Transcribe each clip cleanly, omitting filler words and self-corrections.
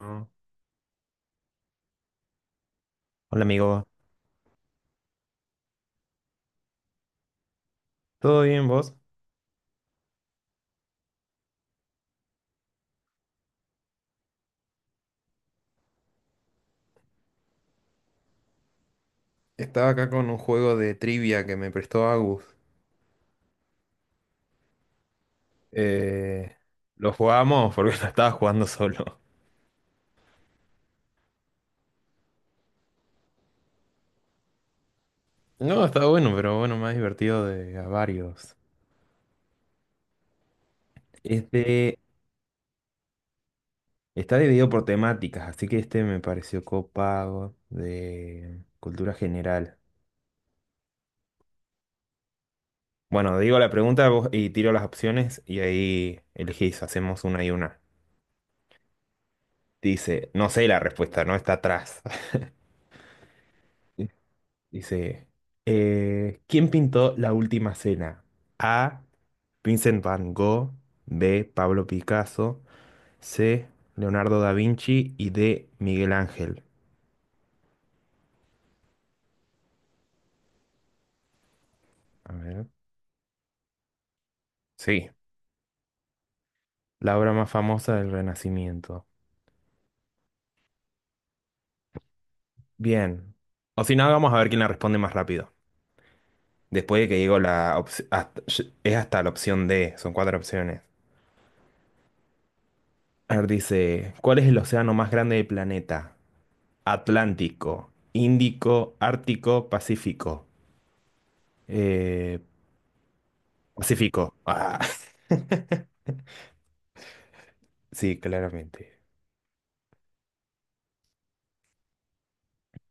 Mm. Hola amigo. ¿Todo bien vos? Estaba acá con un juego de trivia que me prestó Agus. Eh, lo jugamos porque lo estaba jugando solo. No, está bueno, pero bueno, más divertido de a varios. este Está dividido por temáticas, así que este me pareció copado de cultura general. Bueno, digo la pregunta vos- y tiro las opciones y ahí elegís, hacemos una y una. Dice, no sé la respuesta, no está atrás. Dice, ¿quién pintó La Última Cena? A. Vincent Van Gogh, B. Pablo Picasso, C. Leonardo da Vinci y D. Miguel Ángel. A ver. Sí, la obra más famosa del Renacimiento. Bien. O si no, vamos a ver quién la responde más rápido. Después de que digo la opción, es hasta la opción D, son cuatro opciones. A ver, dice, ¿cuál es el océano más grande del planeta? Atlántico, Índico, Ártico, Pacífico. Eh, Pacífico. Ah, sí, claramente.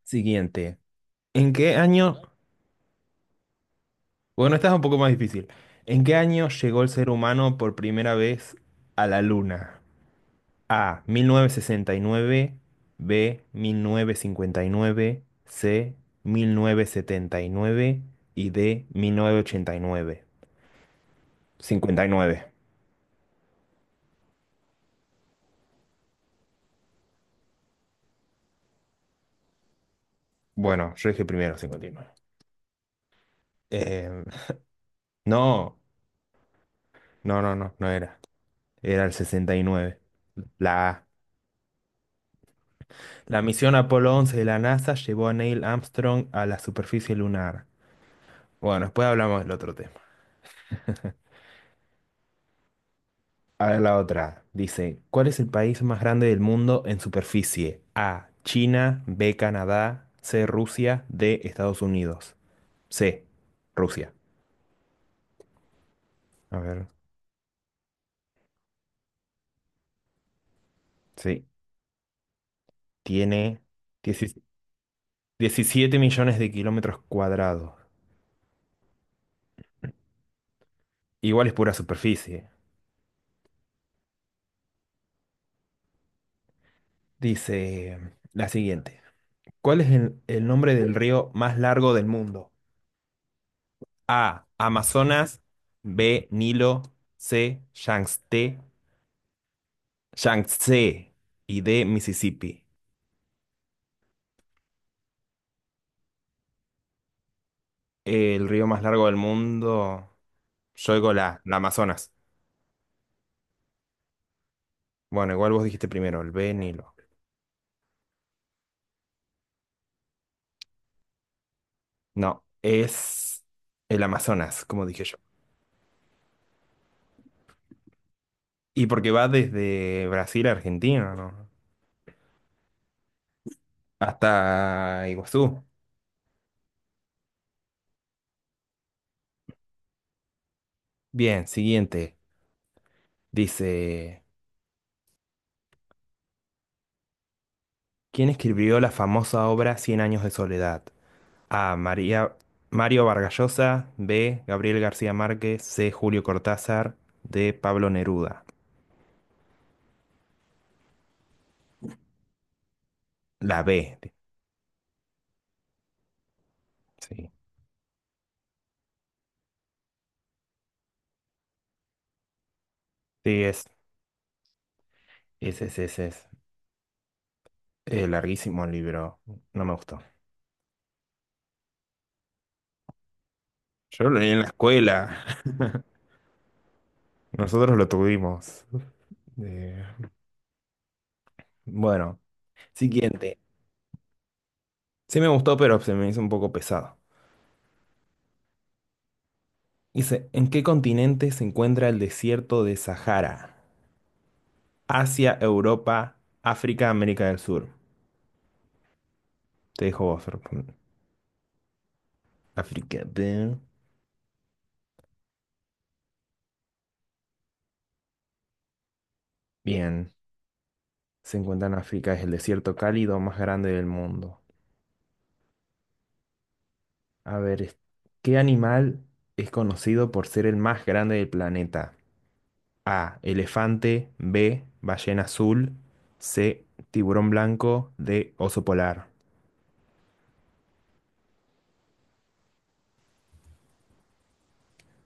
Siguiente. ¿En qué año? Bueno, esta es un poco más difícil. ¿En qué año llegó el ser humano por primera vez a la Luna? A. 1969. B. 1959. C. 1979. Y D. 1989. Cincuenta y nueve. Bueno, yo dije primero 59. Eh, no, no era. Era el 69. La A. La misión Apolo 11 de la NASA llevó a Neil Armstrong a la superficie lunar. Bueno, después hablamos del otro tema. A ver la otra. Dice, ¿cuál es el país más grande del mundo en superficie? A, China, B, Canadá, C, Rusia, D, Estados Unidos. C, Rusia. A ver, sí. Tiene 17 17 millones de kilómetros cuadrados. Igual es pura superficie. Dice la siguiente. ¿Cuál es el nombre del río más largo del mundo? A. Amazonas. B. Nilo. C. Yangtze. Yangtze. Y D. Mississippi. El río más largo del mundo. Yo digo la Amazonas. Bueno, igual vos dijiste primero, el B. Nilo. No, es el Amazonas, como dije yo. Y porque va desde Brasil a Argentina, ¿no? Hasta Iguazú. Bien, siguiente. Dice, ¿quién escribió la famosa obra Cien años de soledad? A. María, Mario Vargas Llosa. B. Gabriel García Márquez. C. Julio Cortázar. D. Pablo Neruda. La B. Sí. Sí, es. Larguísimo el libro. No me gustó. Yo lo leí en la escuela. Nosotros lo tuvimos. Eh, bueno, siguiente. Sí me gustó, pero se me hizo un poco pesado. Dice, ¿en qué continente se encuentra el desierto de Sahara? Asia, Europa, África, América del Sur. Te dejo vos. África, bien. Bien, se encuentra en África, es el desierto cálido más grande del mundo. A ver, es- ¿Qué animal es conocido por ser el más grande del planeta? A, elefante, B, ballena azul, C, tiburón blanco, D, oso polar.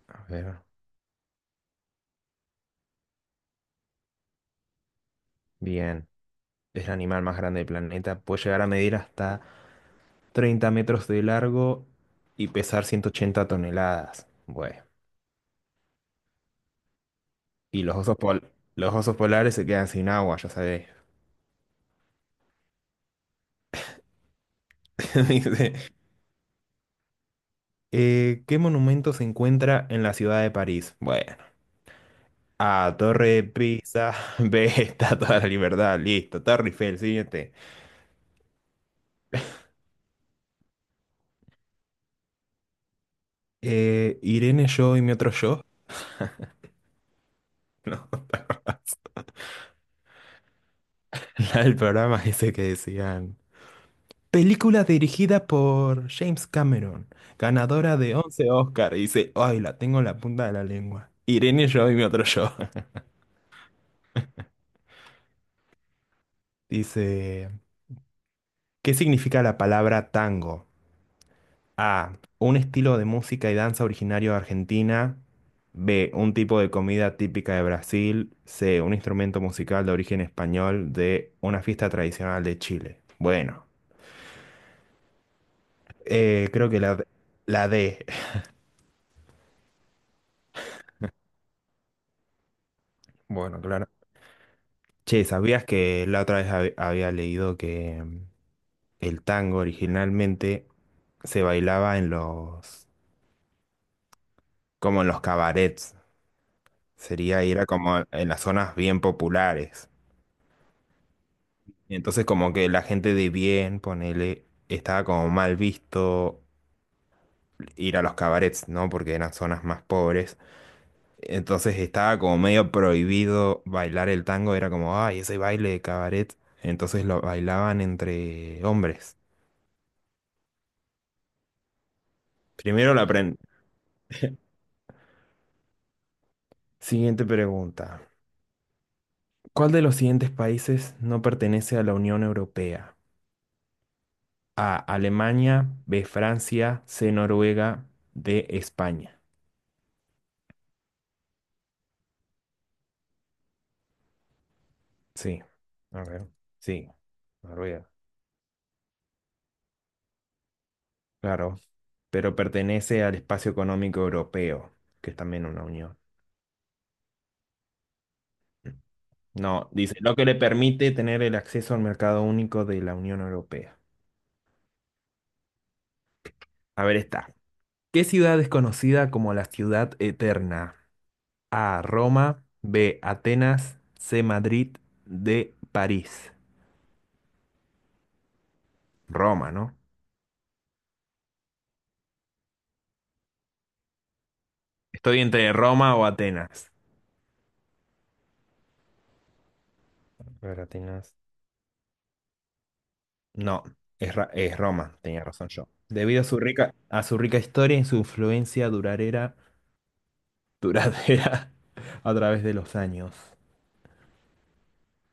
A ver, bien, es el animal más grande del planeta, puede llegar a medir hasta 30 metros de largo y pesar 180 toneladas. Bueno, y los osos polares se quedan sin agua, ya sabes. Me dice, ¿qué monumento se encuentra en la ciudad de París? Bueno, A, Torre de Pisa, B, Estatua de la Libertad, listo, Torre Eiffel, siguiente. Irene, yo y mi otro yo. No, la del programa ese que decían. Película dirigida por James Cameron, ganadora de 11 Oscar. Y dice, ay, la tengo en la punta de la lengua. Irene, yo y mi otro yo. Dice, ¿qué significa la palabra tango? A. Un estilo de música y danza originario de Argentina. B. Un tipo de comida típica de Brasil. C. Un instrumento musical de origen español. D. Una fiesta tradicional de Chile. Bueno, creo que la D. Bueno, claro. Che, ¿sabías que la otra vez había leído que el tango originalmente se bailaba en como en los cabarets? Sería ir a como en las zonas bien populares. Y entonces como que la gente de bien, ponele, estaba como mal visto ir a los cabarets, ¿no? Porque eran zonas más pobres. Entonces estaba como medio prohibido bailar el tango, era como, ay, ese baile de cabaret. Entonces lo bailaban entre hombres. Primero la apren- Siguiente pregunta. ¿Cuál de los siguientes países no pertenece a la Unión Europea? A, Alemania, B, Francia, C, Noruega, D, España. Sí. A ver. Sí. Noruega. Claro, pero pertenece al espacio económico europeo, que es también una unión. No, dice, lo que le permite tener el acceso al mercado único de la Unión Europea. A ver, está. ¿Qué ciudad es conocida como la ciudad eterna? A, Roma, B, Atenas, C, Madrid, D, París. Roma, ¿no? Estoy entre Roma o Atenas. A ver, Atenas. No, es Roma, tenía razón yo. Debido a a su rica historia y su influencia duradera a través de los años.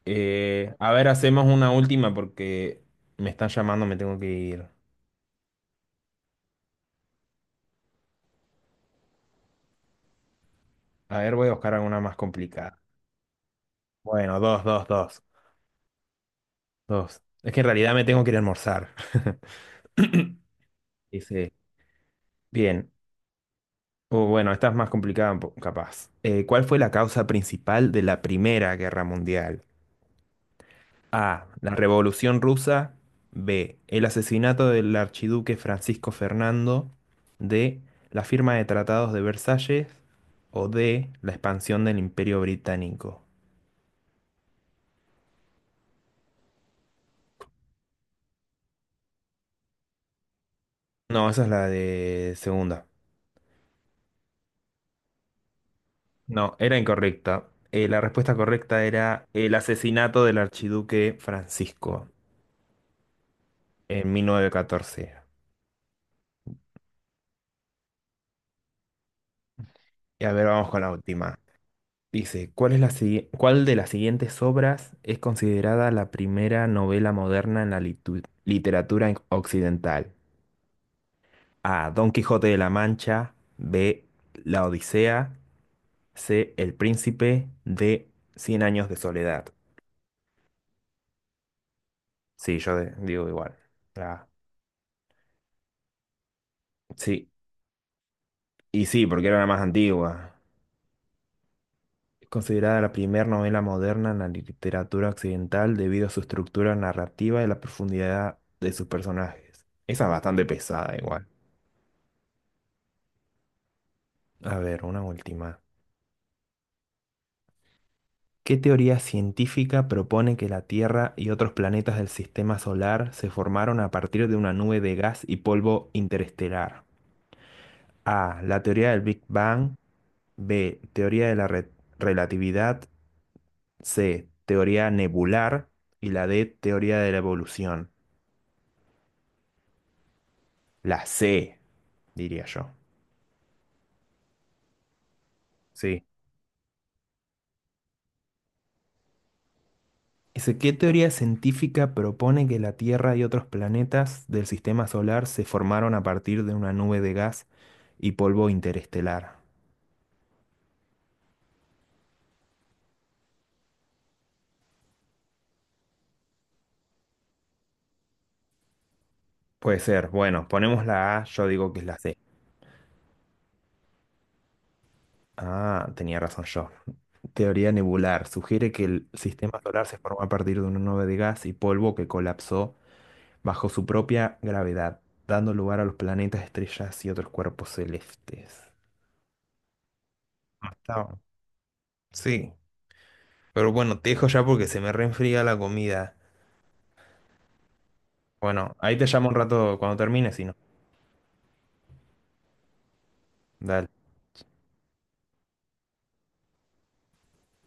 A ver, hacemos una última porque me están llamando, me tengo que ir. A ver, voy a buscar alguna más complicada. Bueno, dos. Es que en realidad me tengo que ir a almorzar. Dice, bien. O bueno, esta es más complicada, capaz. ¿Cuál fue la causa principal de la Primera Guerra Mundial? A. La Revolución Rusa. B. El asesinato del archiduque Francisco Fernando. D. La firma de tratados de Versalles. O D. La expansión del Imperio Británico. No, esa es la de segunda. No, era incorrecta. La respuesta correcta era el asesinato del archiduque Francisco en 1914. Y a ver, vamos con la última. Dice, ¿cuál de las siguientes obras es considerada la primera novela moderna en la literatura occidental? A. Don Quijote de la Mancha. B. La Odisea. C. El Príncipe. D. Cien años de soledad. Sí, digo igual. Ah, sí, y sí, porque era la más antigua. Es considerada la primera novela moderna en la literatura occidental debido a su estructura narrativa y la profundidad de sus personajes. Esa es bastante pesada igual. A ver, una última. ¿Qué teoría científica propone que la Tierra y otros planetas del sistema solar se formaron a partir de una nube de gas y polvo interestelar? A. La teoría del Big Bang. B. Teoría de la relatividad. C. Teoría nebular. Y la D. Teoría de la evolución. La C, diría yo. Sí. Ese, ¿qué teoría científica propone que la Tierra y otros planetas del sistema solar se formaron a partir de una nube de gas y polvo interestelar? Puede ser, bueno, ponemos la A, yo digo que es la C. Ah, tenía razón yo. Teoría nebular sugiere que el sistema solar se formó a partir de una nube de gas y polvo que colapsó bajo su propia gravedad, dando lugar a los planetas, estrellas y otros cuerpos celestes. Ah, está. Sí, pero bueno, te dejo ya porque se me reenfría la comida. Bueno, ahí te llamo un rato cuando termines y no. Dale.